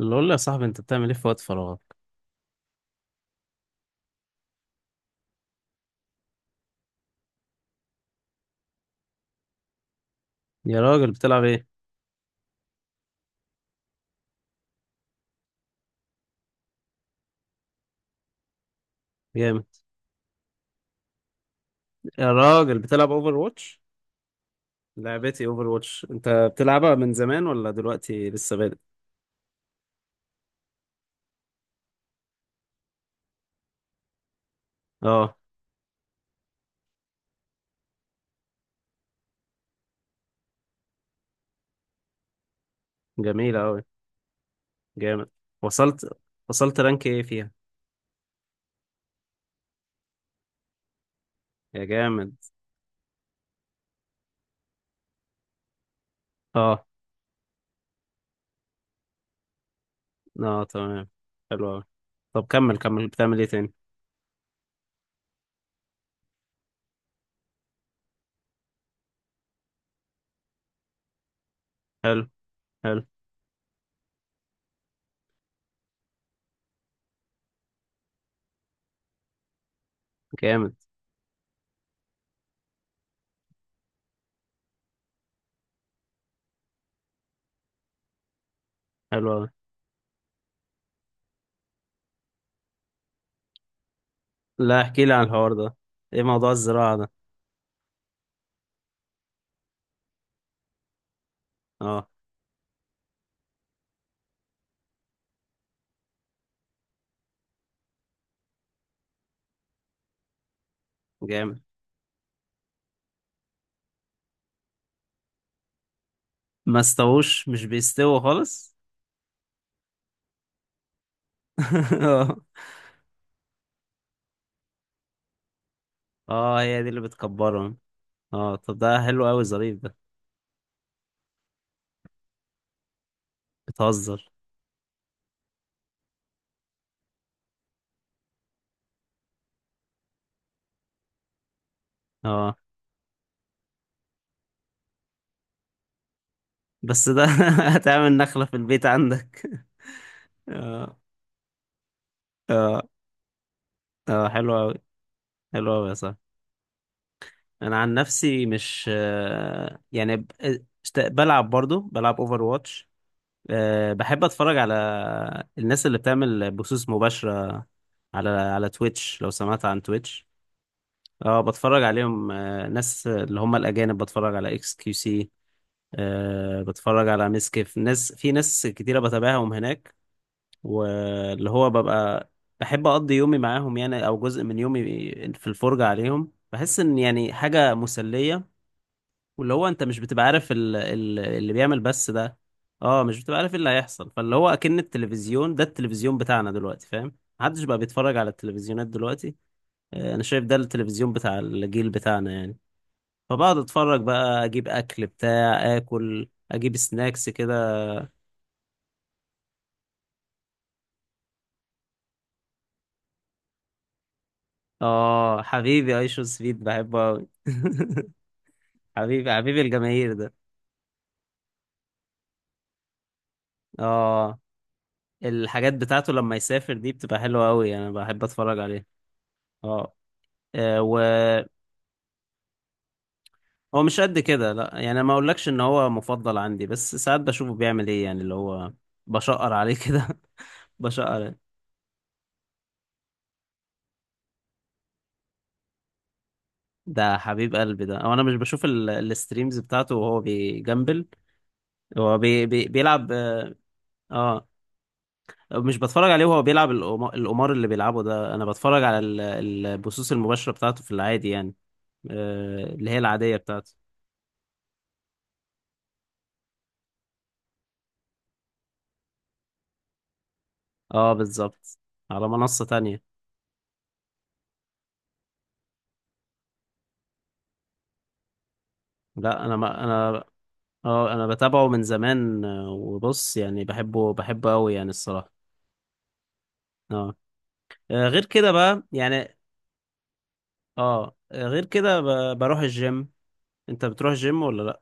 اللي اقول له يا صاحبي، انت بتعمل ايه في وقت فراغك؟ يا راجل بتلعب ايه؟ جامد. يا راجل بتلعب اوفر واتش؟ لعبتي اوفر واتش انت بتلعبها من زمان ولا دلوقتي لسه بادئ؟ اه، جميلة اوي. جامد. وصلت، وصلت رانك ايه فيها؟ يا جامد. اه، اه تمام. حلو اوي. طب كمل كمل، بتعمل ايه تاني؟ حلو، حلو. جامد. حلو اوي. لا احكي لي عن الحوار ده، ايه موضوع الزراعة ده؟ اه جامد. ما استووش؟ مش بيستووا خالص. اه هي دي اللي بتكبرهم. اه طب ده حلو قوي، ظريف ده. بتهزر. اه بس ده هتعمل نخلة في البيت عندك؟ اه، اه، اه حلو قوي. حلو قوي يا صاحبي. انا عن نفسي مش آه، يعني ب- اشت- بلعب، برضو بلعب اوفر واتش. أه بحب اتفرج على الناس اللي بتعمل بثوث مباشرة على على تويتش، لو سمعت عن تويتش. اه بتفرج عليهم، ناس اللي هم الاجانب، بتفرج على اكس كيو سي. أه بتفرج على ميس كيف، ناس في ناس كتيرة بتابعهم هناك. واللي هو ببقى بحب أقضي يومي معاهم يعني، أو جزء من يومي في الفرجة عليهم، بحس إن يعني حاجة مسلية. واللي هو أنت مش بتبقى عارف اللي بيعمل بس ده. اه مش بتبقى عارف إيه اللي هيحصل. فاللي هو أكن التلفزيون ده، التلفزيون بتاعنا دلوقتي، فاهم، محدش بقى بيتفرج على التلفزيونات دلوقتي. أنا شايف ده التلفزيون بتاع الجيل بتاعنا يعني. فبقعد أتفرج بقى، أجيب أكل بتاع، آكل، أجيب سناكس كده. اه حبيبي ايشو سفيد، بحبه قوي. حبيبي، حبيبي الجماهير ده. اه الحاجات بتاعته لما يسافر دي بتبقى حلوة قوي، انا بحب اتفرج عليه. اه. وهو مش قد كده، لا يعني ما اقولكش ان هو مفضل عندي، بس ساعات بشوفه بيعمل ايه يعني، اللي هو بشقر عليه كده. بشقر. ده حبيب قلبي ده، او انا مش بشوف الستريمز بتاعته وهو بيجمبل. هو بي بي بيلعب. اه مش بتفرج عليه وهو بيلعب القمار اللي بيلعبه ده. انا بتفرج على البثوث المباشرة بتاعته في العادي يعني، اللي هي العادية بتاعته. اه بالظبط. على منصة تانية. لا انا ما انا اه انا بتابعه من زمان، وبص يعني بحبه، بحبه قوي يعني الصراحة. اه. غير كده بقى يعني. اه، آه، غير كده ب- بروح الجيم. انت بتروح الجيم ولا لا؟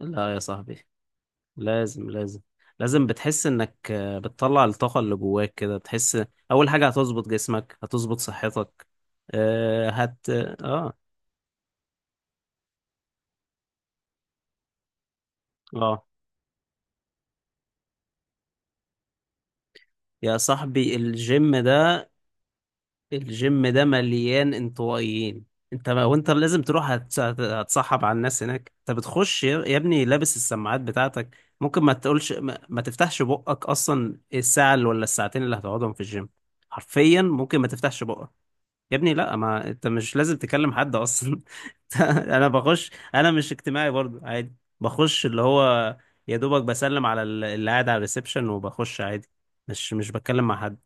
لا يا صاحبي، لازم لازم لازم. بتحس انك بتطلع الطاقة اللي جواك كده، بتحس. اول حاجة هتظبط جسمك، هتظبط صحتك. آه، هت اه اه يا صاحبي الجيم ده، الجيم ده مليان انطوائيين. انت ما... وانت لازم تروح هتصاحب على الناس هناك. انت بتخش يا ابني لابس السماعات بتاعتك. ممكن ما تقولش، ما تفتحش بقك اصلا الساعة اللي ولا الساعتين اللي هتقعدهم في الجيم. حرفيا ممكن ما تفتحش بقك. يا ابني لا، ما انت مش لازم تكلم حد اصلا. انا بخش، انا مش اجتماعي برضو عادي. بخش اللي هو، يا دوبك بسلم على اللي قاعد على الريسبشن وبخش عادي، مش بتكلم مع حد.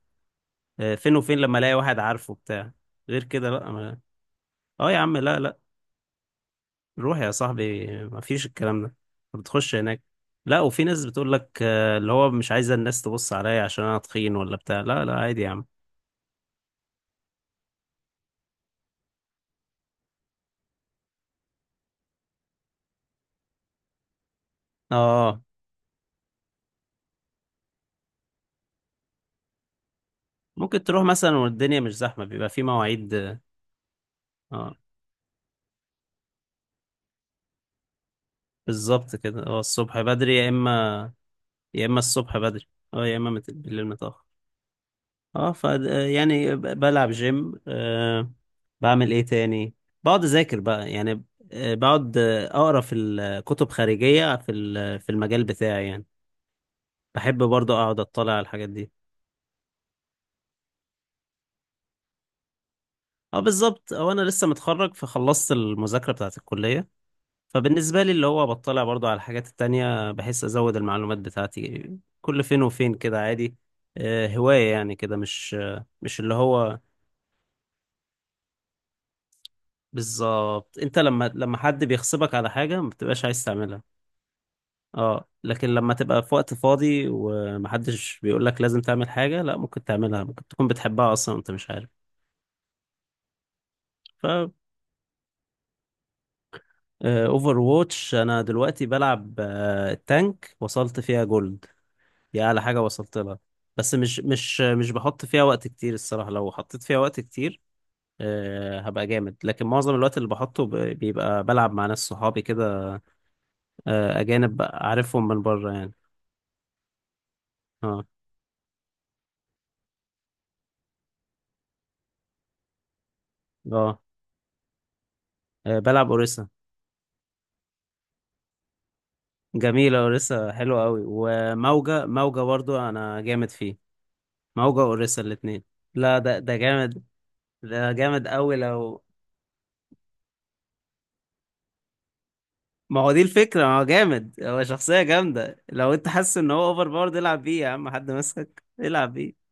فين وفين لما الاقي واحد عارفه بتاع. غير كده لا ما... اه يا عم لا، لا روح يا صاحبي، ما فيش الكلام ده. بتخش هناك، لا، وفي ناس بتقول لك اللي هو مش عايزه الناس تبص عليا عشان انا تخين ولا بتاع. لا لا عادي يا عم. اه ممكن تروح مثلا والدنيا مش زحمه، بيبقى في مواعيد. اه بالظبط كده، هو الصبح بدري يا اما، يا اما الصبح بدري، اه يا اما بالليل متأخر. اه ف، يعني بلعب جيم، بعمل ايه تاني؟ بقعد اذاكر بقى يعني، بقعد اقرا في الكتب خارجية في المجال بتاعي يعني. بحب برضه اقعد اطلع على الحاجات دي. اه بالظبط، هو انا لسه متخرج، فخلصت المذاكرة بتاعت الكلية. فبالنسبة لي اللي هو بطلع برضو على الحاجات التانية، بحس أزود المعلومات بتاعتي كل فين وفين كده عادي. هواية يعني كده، مش اللي هو. بالظبط، انت لما حد بيغصبك على حاجة ما بتبقاش عايز تعملها. اه لكن لما تبقى في وقت فاضي ومحدش بيقولك لازم تعمل حاجة، لا ممكن تعملها، ممكن تكون بتحبها أصلا وانت مش عارف. ف، اوفر واتش انا دلوقتي بلعب التانك، وصلت فيها جولد، دي اعلى حاجة وصلت لها. بس مش بحط فيها وقت كتير الصراحة. لو حطيت فيها وقت كتير هبقى جامد. لكن معظم الوقت اللي بحطه بيبقى بلعب مع ناس صحابي كده، اجانب عارفهم من بره يعني. اه، اه. بلعب اوريسا. جميلة اوريسا، حلوة قوي. وموجة، موجة برضو انا جامد فيه. موجة اوريسا الاتنين. لا ده، ده جامد، ده جامد قوي. لو ما هو دي الفكرة، ما هو جامد، هو شخصية جامدة. لو انت حاسس ان هو اوفر باورد العب بيه يا عم، حد مسك، العب بيه.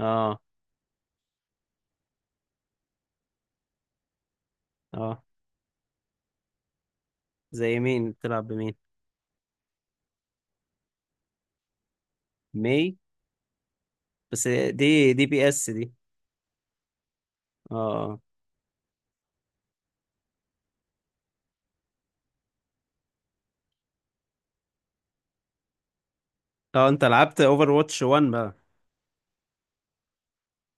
اه، اه. زي مين بتلعب بمين؟ مي؟ بس دي دي بي اس دي. اه، اه، اه انت لعبت اوفر واتش 1 بقى.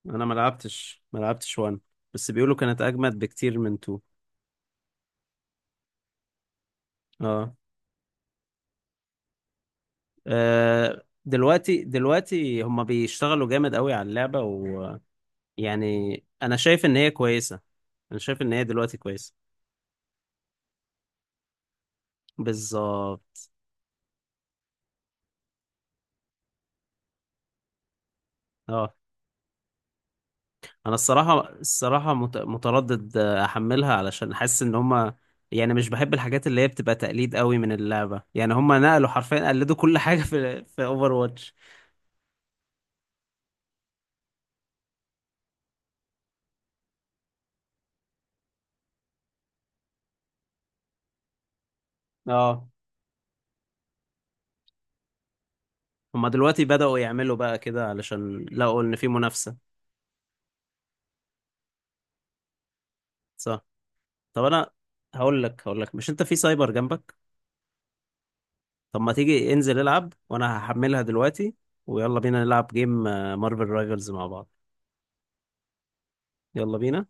انا ما لعبتش، ما لعبتش 1، بس بيقولوا كانت اجمد بكتير من 2. اه، دلوقتي هما بيشتغلوا جامد قوي على اللعبة. ويعني انا شايف ان هي كويسة، انا شايف ان هي دلوقتي كويسة. بالظبط. اه انا الصراحه، الصراحه متردد احملها، علشان حاسس ان هما يعني، مش بحب الحاجات اللي هي بتبقى تقليد قوي من اللعبه يعني. هما نقلوا حرفيا، قلدوا كل حاجه في اوفر واتش. اه هما دلوقتي بداوا يعملوا بقى كده علشان لقوا ان في منافسه. صح. طب انا، هقول لك، هقول لك، مش انت في سايبر جنبك؟ طب ما تيجي انزل العب، وانا هحملها دلوقتي، ويلا بينا نلعب جيم مارفل رايفلز مع بعض. يلا بينا.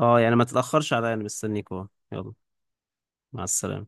اه يعني ما تتاخرش عليا، انا مستنيك اهو، يلا. مع السلامه.